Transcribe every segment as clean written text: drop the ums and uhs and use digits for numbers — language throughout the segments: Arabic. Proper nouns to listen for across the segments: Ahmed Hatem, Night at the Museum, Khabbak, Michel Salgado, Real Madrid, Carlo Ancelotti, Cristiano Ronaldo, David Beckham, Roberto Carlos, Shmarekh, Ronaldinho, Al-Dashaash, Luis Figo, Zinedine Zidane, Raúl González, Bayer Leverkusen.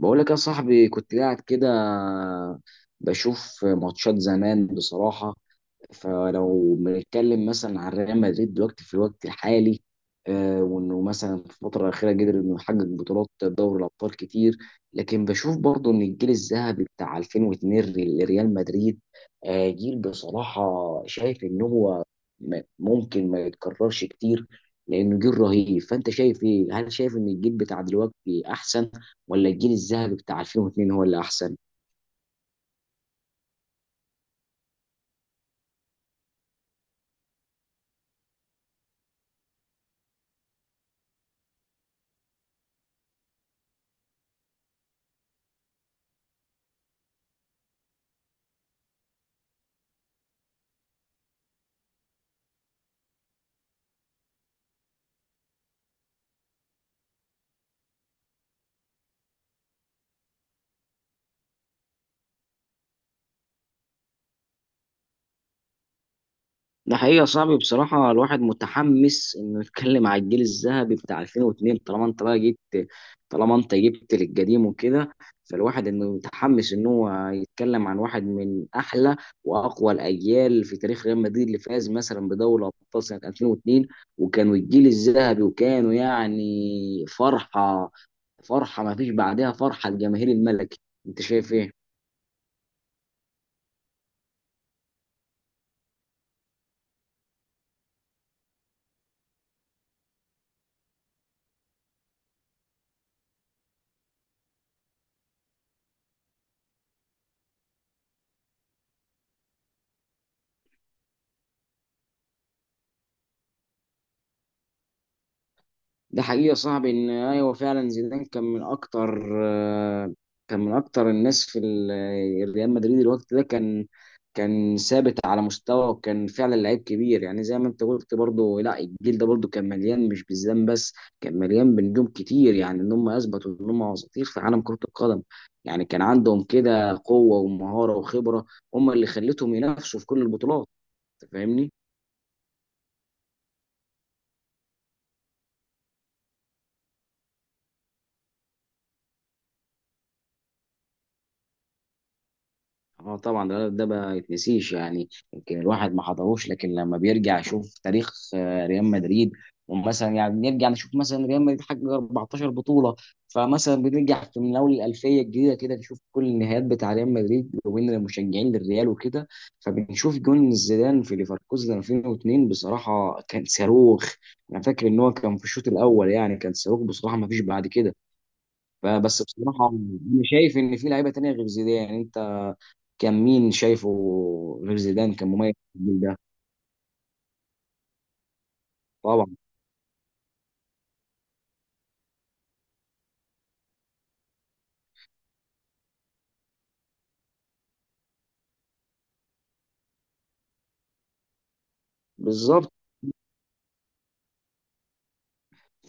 بقول لك يا صاحبي، كنت قاعد كده بشوف ماتشات زمان بصراحة. فلو بنتكلم مثلا عن ريال مدريد دلوقتي في الوقت الحالي، وانه مثلا في الفتره الاخيره قدر انه يحقق بطولات دوري الابطال كتير. لكن بشوف برضه ان الجيل الذهبي بتاع 2002 لريال مدريد، جيل بصراحه شايف ان هو ممكن ما يتكررش كتير لانه جيل رهيب. فانت شايف ايه؟ هل شايف ان الجيل بتاع دلوقتي احسن، ولا الجيل الذهبي بتاع 2002 هو اللي احسن؟ ده حقيقة صعب بصراحة. الواحد متحمس انه يتكلم على الجيل الذهبي بتاع 2002. طالما انت بقى جبت، طالما انت جبت للقديم وكده، فالواحد انه متحمس ان هو يتكلم عن واحد من احلى واقوى الاجيال في تاريخ ريال مدريد، اللي فاز مثلا بدوري الابطال سنة 2002، وكانوا الجيل الذهبي، وكانوا يعني فرحة، فرحة ما فيش بعدها، فرحة الجماهير الملكي. انت شايف ايه؟ ده حقيقة يا صاحبي ان ايوه، فعلا زيدان كان من اكتر، آه، كان من اكتر الناس في ريال مدريد الوقت ده. كان كان ثابت على مستوى، وكان فعلا لعيب كبير. يعني زي ما انت قلت برضه، لا الجيل ده برضه كان مليان، مش بالزام بس كان مليان بنجوم كتير، يعني ان هم اثبتوا ان هم اساطير في عالم كرة القدم. يعني كان عندهم كده قوة ومهارة وخبرة، هم اللي خلتهم ينافسوا في كل البطولات. أنت فاهمني؟ اه طبعا، ده ما يتنسيش. يعني يمكن الواحد ما حضروش، لكن لما بيرجع يشوف تاريخ ريال مدريد، ومثلا يعني نرجع نشوف مثلا ريال مدريد حقق 14 بطولة. فمثلا بنرجع في من اول الألفية الجديدة كده، نشوف كل النهائيات بتاع ريال مدريد وبين المشجعين للريال وكده. فبنشوف جون زيدان في ليفركوزن 2002 بصراحة كان صاروخ. انا فاكر ان هو كان في الشوط الاول، يعني كان صاروخ بصراحة ما فيش بعد كده. فبس بصراحة انا شايف ان في لعيبة تانية غير زيدان. انت كان مين شايفه غير زيدان كان مميز في الجيل ده؟ طبعا. بالظبط،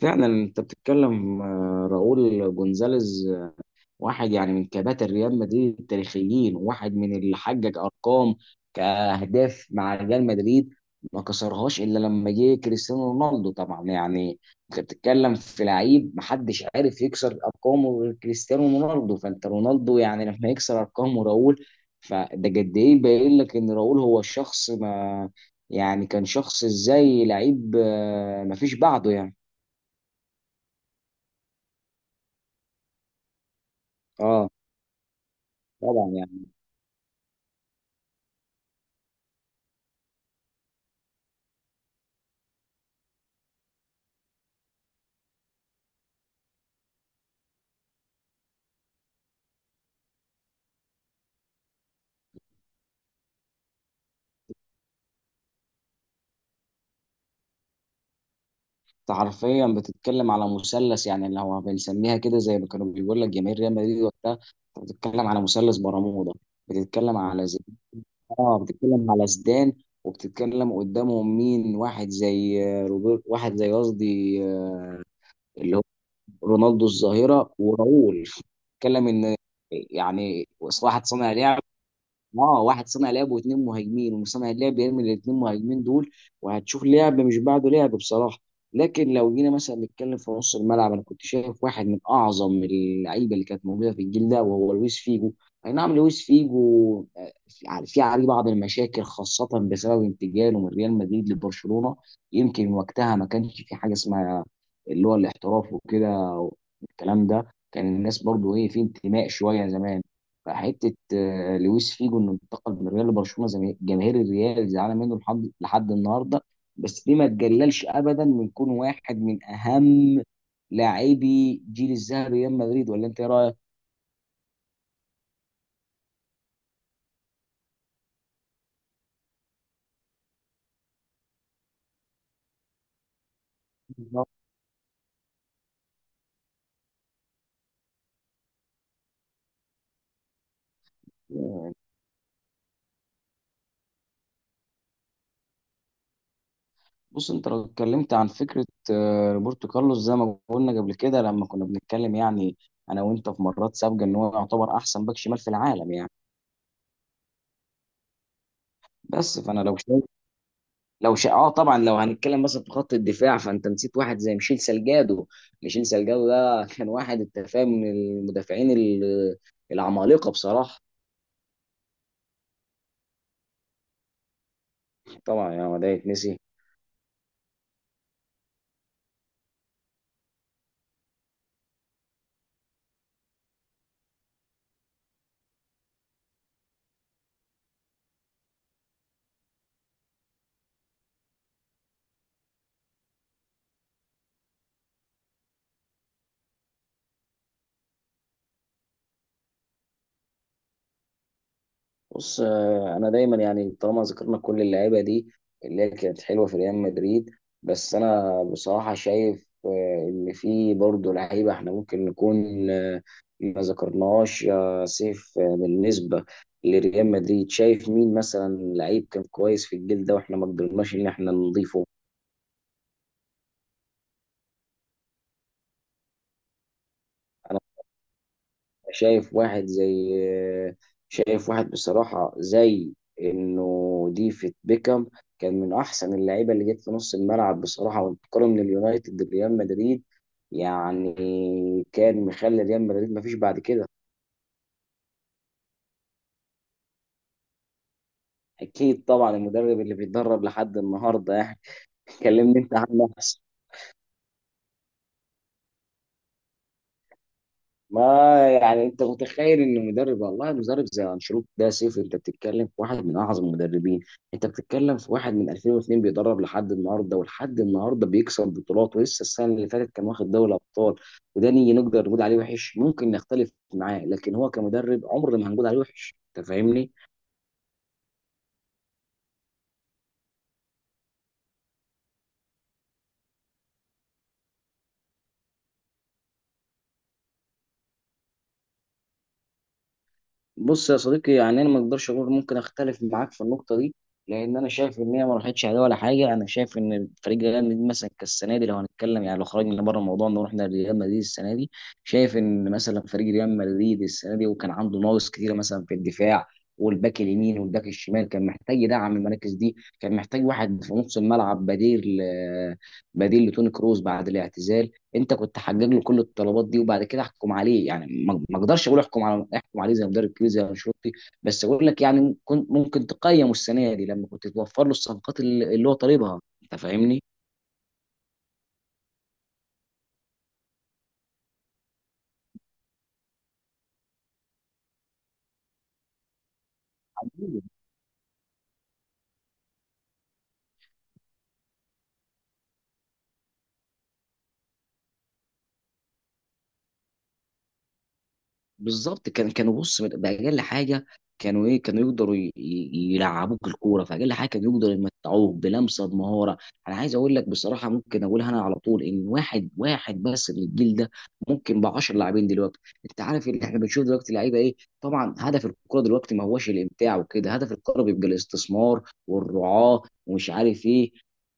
فعلا انت بتتكلم، راؤول جونزاليز، واحد يعني من كباتن ريال مدريد التاريخيين، واحد من اللي حقق ارقام كاهداف مع ريال مدريد، ما كسرهاش الا لما جه كريستيانو رونالدو طبعا. يعني انت بتتكلم في لعيب محدش عارف يكسر ارقامه غير كريستيانو رونالدو، فانت رونالدو يعني لما يكسر ارقامه راؤول، فده قد ايه باين لك ان راؤول هو شخص ما، يعني كان شخص ازاي لعيب ما فيش بعده يعني. اه طبعا يعني. انت حرفيا بتتكلم على مثلث، يعني اللي هو بنسميها كده زي ما كانوا بيقول لك جماهير ريال مدريد وقتها. انت بتتكلم على مثلث برمودا، بتتكلم على زيدان. اه بتتكلم على زيدان، وبتتكلم قدامهم مين؟ واحد زي روبرت، واحد زي قصدي اللي هو رونالدو الظاهرة وراؤول. بتتكلم ان يعني واحد صانع لعب. اه واحد صانع لعب واثنين مهاجمين، وصانع اللعب يرمي الاثنين مهاجمين دول، وهتشوف لعب مش بعده لعب بصراحه. لكن لو جينا مثلا نتكلم في نص الملعب، انا كنت شايف واحد من اعظم اللعيبه اللي كانت موجوده في الجيل ده وهو لويس فيجو. اي نعم لويس فيجو في عليه بعض المشاكل خاصه بسبب انتقاله من ريال مدريد لبرشلونه. يمكن وقتها ما كانش في حاجه اسمها اللي هو الاحتراف وكده، والكلام ده كان الناس برضو ايه في انتماء شويه زمان. حته لويس فيجو انه انتقل من ريال لبرشلونه، زي جماهير الريال زعلانه منه لحد النهارده. بس دي ما تقللش ابدا من كون واحد من اهم لاعبي جيل الذهب ريال مدريد. ولا انت ايه رايك؟ بص انت لو اتكلمت عن فكره روبرتو كارلوس، زي ما قلنا قبل كده لما كنا بنتكلم، يعني انا وانت في مرات سابقه، ان هو يعتبر احسن باك شمال في العالم يعني. بس فانا لو شايف، اه طبعا لو هنتكلم مثلا في خط الدفاع، فانت نسيت واحد زي ميشيل سالجادو. ميشيل سالجادو ده كان واحد، انت فاهم، من المدافعين العمالقه بصراحه. طبعا يا ما ده يتنسي. بص انا دايما يعني طالما ذكرنا كل اللعيبه دي اللي هي كانت حلوه في ريال مدريد، بس انا بصراحه شايف ان في برضه لعيبه احنا ممكن نكون ما ذكرناهاش. يا سيف بالنسبه لريال مدريد، شايف مين مثلا لعيب كان كويس في الجيل ده واحنا ما قدرناش ان احنا نضيفه؟ شايف واحد زي، شايف واحد بصراحة زي انه ديفيد بيكام. كان من احسن اللعيبة اللي جت في نص الملعب بصراحة، وانتقاله من اليونايتد لريال مدريد يعني كان مخلي ريال مدريد مفيش بعد كده. اكيد طبعا المدرب اللي بيتدرب لحد النهارده يعني. كلمني انت عن نفسك. ما يعني انت متخيل ان مدرب، والله مدرب زي انشيلوتي ده؟ سيف انت بتتكلم في واحد من اعظم المدربين، انت بتتكلم في واحد من 2002 بيدرب لحد النهارده، ولحد النهارده بيكسب بطولات، ولسه السنه اللي فاتت كان واخد دوري ابطال. وده نيجي نقدر نقول عليه وحش؟ ممكن نختلف معاه، لكن هو كمدرب عمر ما هنقول عليه وحش. انت فاهمني؟ بص يا صديقي، يعني انا ما اقدرش اقول، ممكن اختلف معاك في النقطه دي. لان انا شايف ان هي ما راحتش عليه ولا حاجه. انا شايف ان فريق ريال مدريد مثلا كالسنه دي، لو هنتكلم يعني، لو خرجنا بره الموضوع ان رحنا لريال مدريد السنه دي، شايف ان مثلا فريق ريال مدريد السنه دي وكان عنده ناقص كتير مثلا في الدفاع، والباك اليمين والباك الشمال كان محتاج يدعم المراكز دي، كان محتاج واحد في نص الملعب بديل بديل لتوني كروز بعد الاعتزال. انت كنت حقق له كل الطلبات دي وبعد كده احكم عليه. يعني ما اقدرش اقول احكم على، احكم عليه زي مدرب كبير زي انشيلوتي. بس اقول لك يعني كنت ممكن تقيم السنه دي لما كنت توفر له الصفقات اللي هو طالبها. انت فاهمني؟ بالظبط، كان كانوا بص باقل حاجه. كانوا ايه؟ كانوا يقدروا يلعبوك الكوره، فاقل حاجه كانوا يقدروا يمتعوك بلمسه بمهاره. انا عايز اقول لك بصراحه، ممكن اقولها انا على طول، ان واحد واحد بس من الجيل ده ممكن ب 10 لاعبين دلوقتي. انت عارف اللي احنا بنشوف دلوقتي لعيبه ايه؟ طبعا هدف الكوره دلوقتي ما هوش الامتاع وكده، هدف الكوره بيبقى الاستثمار والرعاه ومش عارف ايه.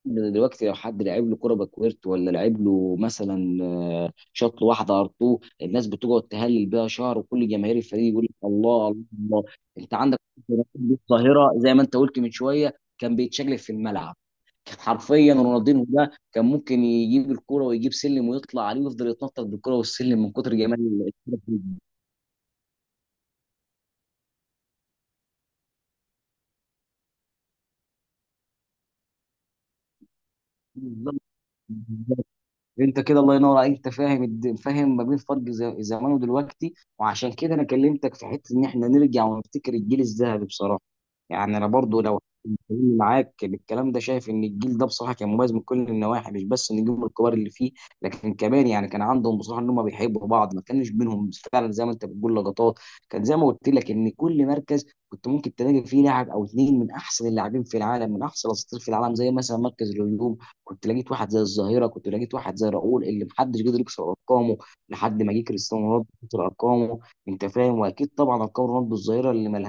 دلوقتي لو حد لعب له كوره باكويرت ولا لعب له مثلا شاط له واحده ار، الناس بتقعد تهلل بيها شهر، وكل جماهير الفريق يقول لك الله الله الله. انت عندك رونالدينيو الظاهره، زي ما انت قلت من شويه، كان بيتشقلب في الملعب. كان حرفيا رونالدينيو ده كان ممكن يجيب الكرة ويجيب سلم ويطلع عليه ويفضل يتنطط بالكرة والسلم من كتر جمال الكرة. انت كده الله ينور عليك، انت فاهم فاهم ما بين فرق زمان ودلوقتي، وعشان كده انا كلمتك في حته ان احنا نرجع ونفتكر الجيل الذهبي بصراحه. يعني انا برضو لو بتكلم معاك بالكلام ده، شايف ان الجيل ده بصراحه كان مميز من كل النواحي، مش بس النجوم الكبار اللي فيه، لكن كمان يعني كان عندهم بصراحه ان هم بيحبوا بعض، ما كانش بينهم فعلا زي ما انت بتقول لقطات. كان زي ما قلت لك ان كل مركز كنت ممكن تلاقي فيه لاعب او اتنين من احسن اللاعبين في العالم، من احسن الاساطير في العالم، زي مثلا مركز الهجوم. كنت لقيت واحد زي الظاهره، كنت لقيت واحد زي راؤول اللي محدش قدر يكسر ارقامه لحد ما جه كريستيانو رونالدو كسر ارقامه. انت فاهم؟ واكيد طبعا ارقام رونالدو الظاهره اللي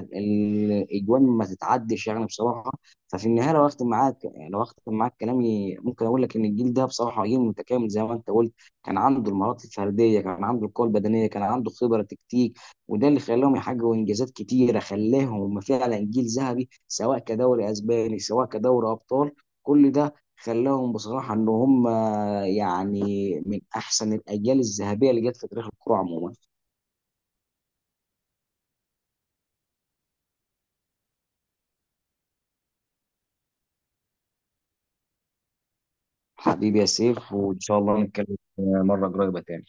الاجوان ما تتعدش يعني بصراحه. ففي النهايه لو اختم معاك، يعني لو اختم معاك كلامي، ممكن اقول لك ان الجيل ده بصراحه جيل متكامل زي ما انت قلت. كان عنده المهارات الفرديه، كان عنده القوه البدنيه، كان عنده خبره تكتيك، وده اللي خلاهم يحققوا انجازات كتيره، خلاهم فعلا جيل ذهبي سواء كدوري اسباني سواء كدوري ابطال. كل ده خلاهم بصراحة إن هم يعني من أحسن الأجيال الذهبية اللي جت في تاريخ الكرة عموما. حبيبي يا سيف، وإن شاء الله نتكلم مرة قريبة تاني.